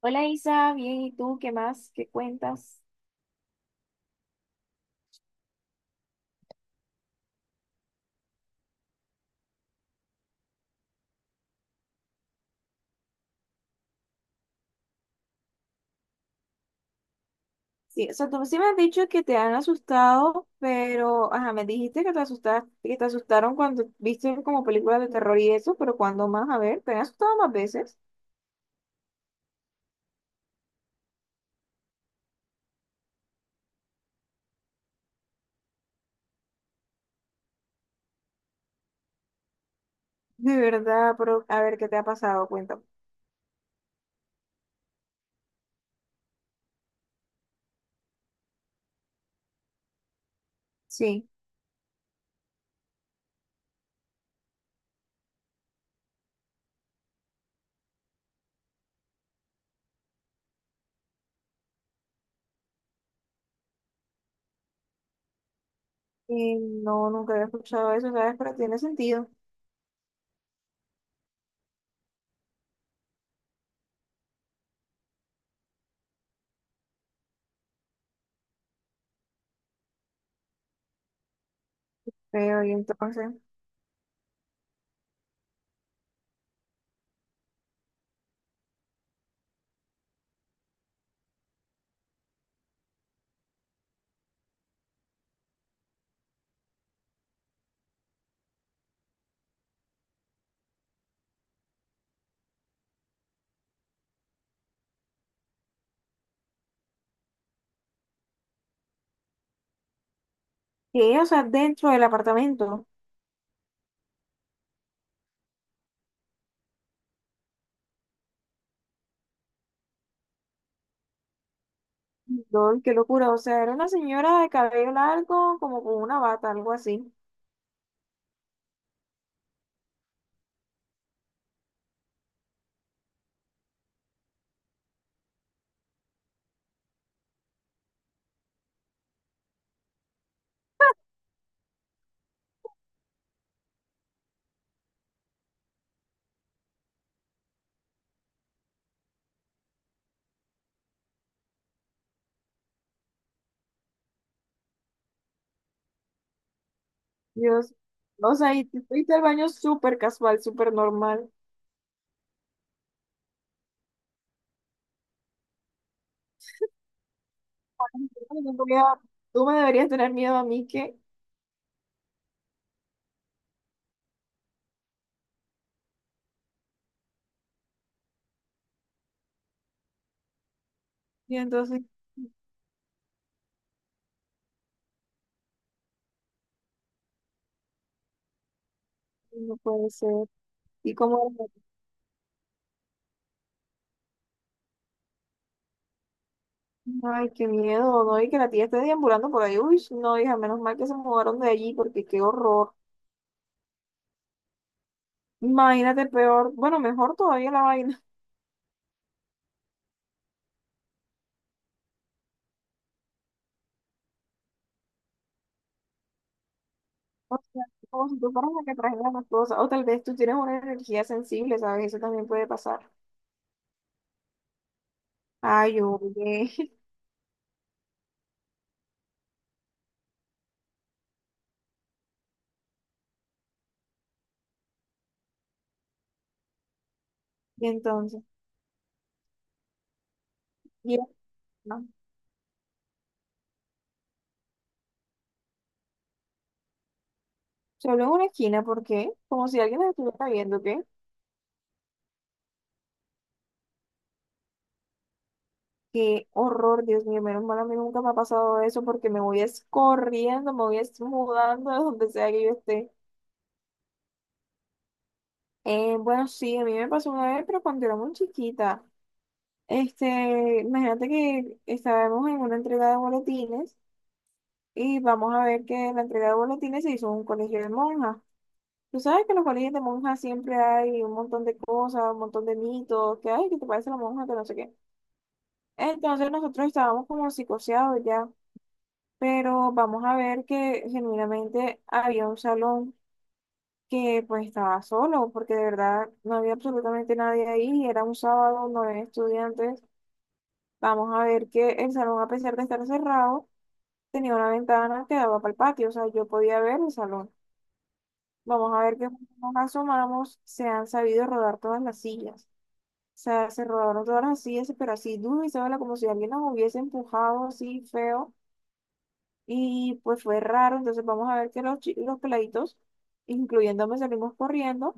Hola Isa, bien, ¿y tú qué más? ¿Qué cuentas? Sí, o sea, tú sí me has dicho que te han asustado, pero, ajá, me dijiste que te asustaste, que te asustaron cuando viste como películas de terror y eso, pero ¿cuándo más? A ver, ¿te han asustado más veces? De verdad, pero a ver, ¿qué te ha pasado? Cuéntame. Sí, y no, nunca había escuchado eso, ¿sabes? Pero tiene sentido. Pero, y entonces, ¿qué? O sea, dentro del apartamento. Lol, qué locura, o sea, era una señora de cabello largo, como con una bata, algo así. Dios, o sea, y te fuiste al baño súper casual, súper normal. Ay, no voy a- Tú me deberías tener miedo a mí, ¿qué? Y entonces, no puede ser. Y como, ay, qué miedo, ¿no? Y que la tía esté deambulando por ahí. Uy, no, hija, menos mal que se mudaron de allí, porque qué horror. Imagínate peor, bueno, mejor todavía la vaina. O sea, como si tú fueras la que trajera las cosas. O tal vez tú tienes una energía sensible, ¿sabes? Eso también puede pasar. Ay, oye. Y entonces, mira. Solo en una esquina, ¿por qué? Como si alguien nos estuviera viendo, ¿qué? Qué horror, Dios mío, menos mal a mí nunca me ha pasado eso porque me voy es corriendo, me voy es mudando de donde sea que yo esté. Bueno, sí, a mí me pasó una vez, pero cuando era muy chiquita. Este, imagínate que estábamos en una entrega de boletines y vamos a ver que la entrega de boletines se hizo en un colegio de monjas. Tú sabes que en los colegios de monjas siempre hay un montón de cosas, un montón de mitos, que ay, que te parece la monja, que no sé qué. Entonces nosotros estábamos como psicoseados ya, pero vamos a ver que genuinamente había un salón que pues estaba solo, porque de verdad no había absolutamente nadie ahí, era un sábado, no había estudiantes. Vamos a ver que el salón, a pesar de estar cerrado, tenía una ventana que daba para el patio, o sea, yo podía ver el salón. Vamos a ver que cuando nos asomamos, se han sabido rodar todas las sillas. O sea, se rodaron todas las sillas, pero así duro y se como si alguien nos hubiese empujado así feo. Y pues fue raro, entonces vamos a ver que los, los peladitos, incluyéndome, salimos corriendo,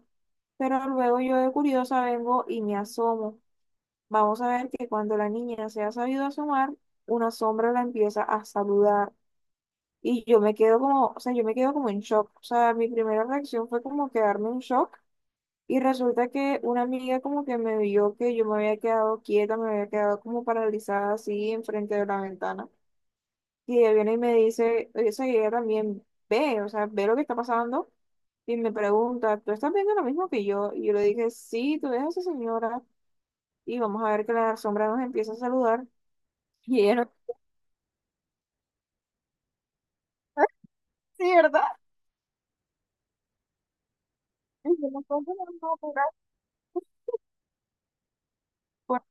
pero luego yo de curiosa vengo y me asomo. Vamos a ver que cuando la niña se ha sabido asomar, una sombra la empieza a saludar. Y yo me quedo como, o sea, yo me quedo como en shock. O sea, mi primera reacción fue como quedarme en shock. Y resulta que una amiga como que me vio que yo me había quedado quieta, me había quedado como paralizada así enfrente de la ventana. Y ella viene y me dice, o sea, y ella también ve, o sea, ve lo que está pasando y me pregunta, ¿tú estás viendo lo mismo que yo? Y yo le dije, sí, tú ves a esa señora y vamos a ver que la sombra nos empieza a saludar. Y ella, no, sí, ¿verdad? Y yo, "No, ¿cómo no, no, pero-". Pues,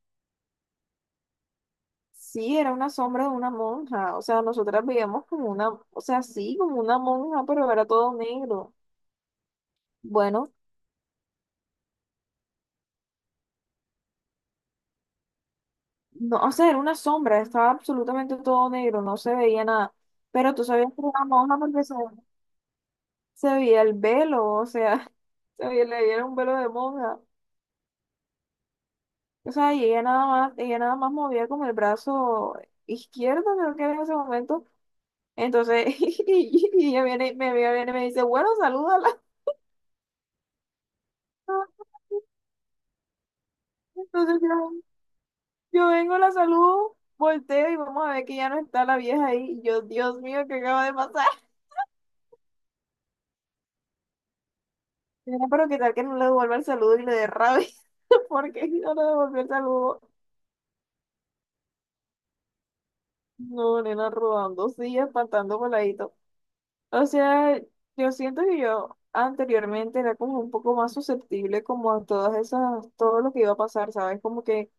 sí, era una sombra de una monja, o sea, nosotras veíamos como una, o sea, sí, como una monja, pero era todo negro. Bueno, no, o sea, era una sombra, estaba absolutamente todo negro, no se veía nada. Pero tú sabías que era una monja porque se se veía el velo, o sea, se veía, le veía un velo de monja. O sea, y ella nada más movía con el brazo izquierdo, creo que era en ese momento. Entonces, y ella viene, me viene y me dice, bueno, salúdala. Entonces yo vengo, la saludo, volteo y vamos a ver que ya no está la vieja ahí. Y yo, Dios mío, ¿qué acaba de pasar? Era, pero qué tal que no le devuelva el saludo y le dé rabia, porque si no le devolvió el saludo. No, nena, robando, sí, espantando por. O sea, yo siento que yo anteriormente era como un poco más susceptible como a todas esas, todo lo que iba a pasar, ¿sabes? Como que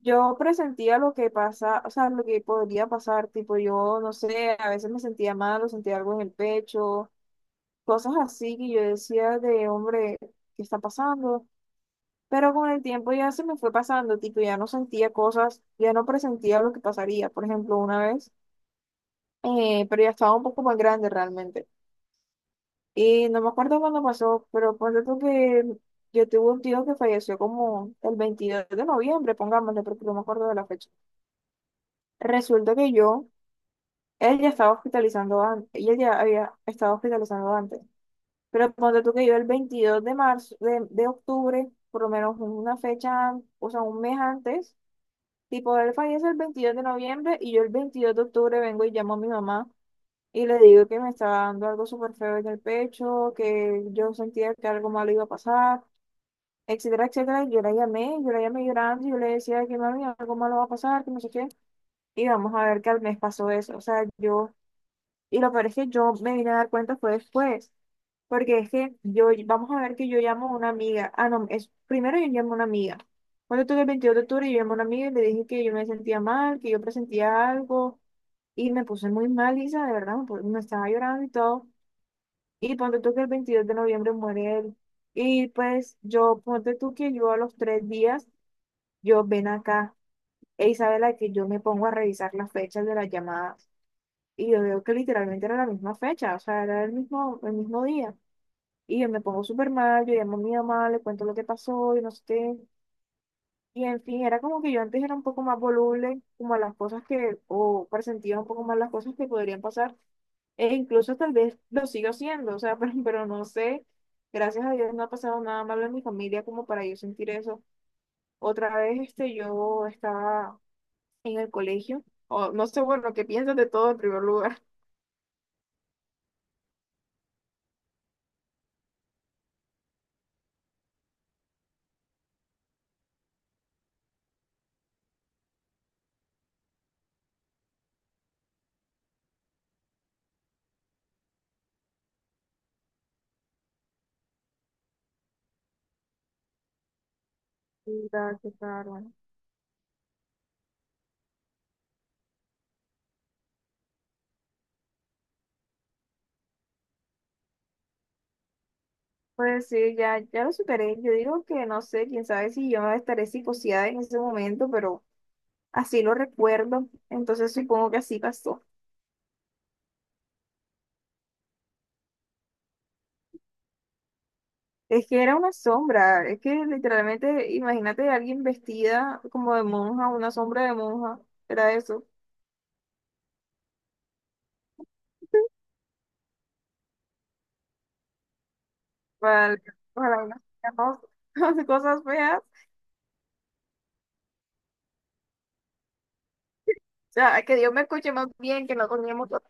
yo presentía lo que pasa, o sea, lo que podría pasar, tipo yo, no sé, a veces me sentía mal o sentía algo en el pecho, cosas así que yo decía de, hombre, ¿qué está pasando? Pero con el tiempo ya se me fue pasando, tipo ya no sentía cosas, ya no presentía lo que pasaría, por ejemplo, una vez, pero ya estaba un poco más grande realmente. Y no me acuerdo cuándo pasó, pero ponte tú que yo tuve un tío que falleció como el 22 de noviembre, pongámosle, porque no me acuerdo de la fecha. Resulta que yo, él ya estaba hospitalizando antes, ella ya había estado hospitalizando antes. Pero ponte tú que yo el 22 de marzo, de octubre, por lo menos una fecha, o sea, un mes antes, tipo, él fallece el 22 de noviembre y yo el 22 de octubre vengo y llamo a mi mamá. Y le digo que me estaba dando algo súper feo en el pecho, que yo sentía que algo malo iba a pasar, etcétera, etcétera. Y yo la llamé, yo la llamé llorando, y yo le decía que mami, algo malo va a pasar, que no sé qué. Y vamos a ver que al mes pasó eso. O sea, yo, y lo peor es que yo me vine a dar cuenta fue después, porque es que yo, vamos a ver que yo llamo a una amiga. Ah, no, es, primero yo llamo a una amiga. Cuando tuve el 22 de octubre, yo llamé a una amiga y le dije que yo me sentía mal, que yo presentía algo, y me puse muy mal, Isa de verdad, me estaba llorando y todo. Y ponte tú que el 22 de noviembre muere él. Y pues yo, ponte tú que yo a los 3 días, yo ven acá. E Isabela, que yo me pongo a revisar las fechas de las llamadas. Y yo veo que literalmente era la misma fecha, o sea, era el mismo día. Y yo me pongo súper mal, yo llamo a mi mamá, le cuento lo que pasó y no sé qué. Y en fin, era como que yo antes era un poco más voluble, como a las cosas que, o presentía un poco más las cosas que podrían pasar. E incluso tal vez lo sigo siendo, o sea, pero no sé. Gracias a Dios no ha pasado nada malo en mi familia como para yo sentir eso. Otra vez, este, yo estaba en el colegio, o no sé, bueno, ¿qué piensas de todo en primer lugar? Mira, qué caro. Pues sí, ya, ya lo superé. Yo digo que no sé, quién sabe si yo estaré psicoseada en ese momento, pero así lo recuerdo, entonces supongo que así pasó. Es que era una sombra, es que literalmente, imagínate a alguien vestida como de monja, una sombra de monja, era eso. Para ojalá y cosas feas. O sea, que Dios me escuche más bien, que no teníamos cosas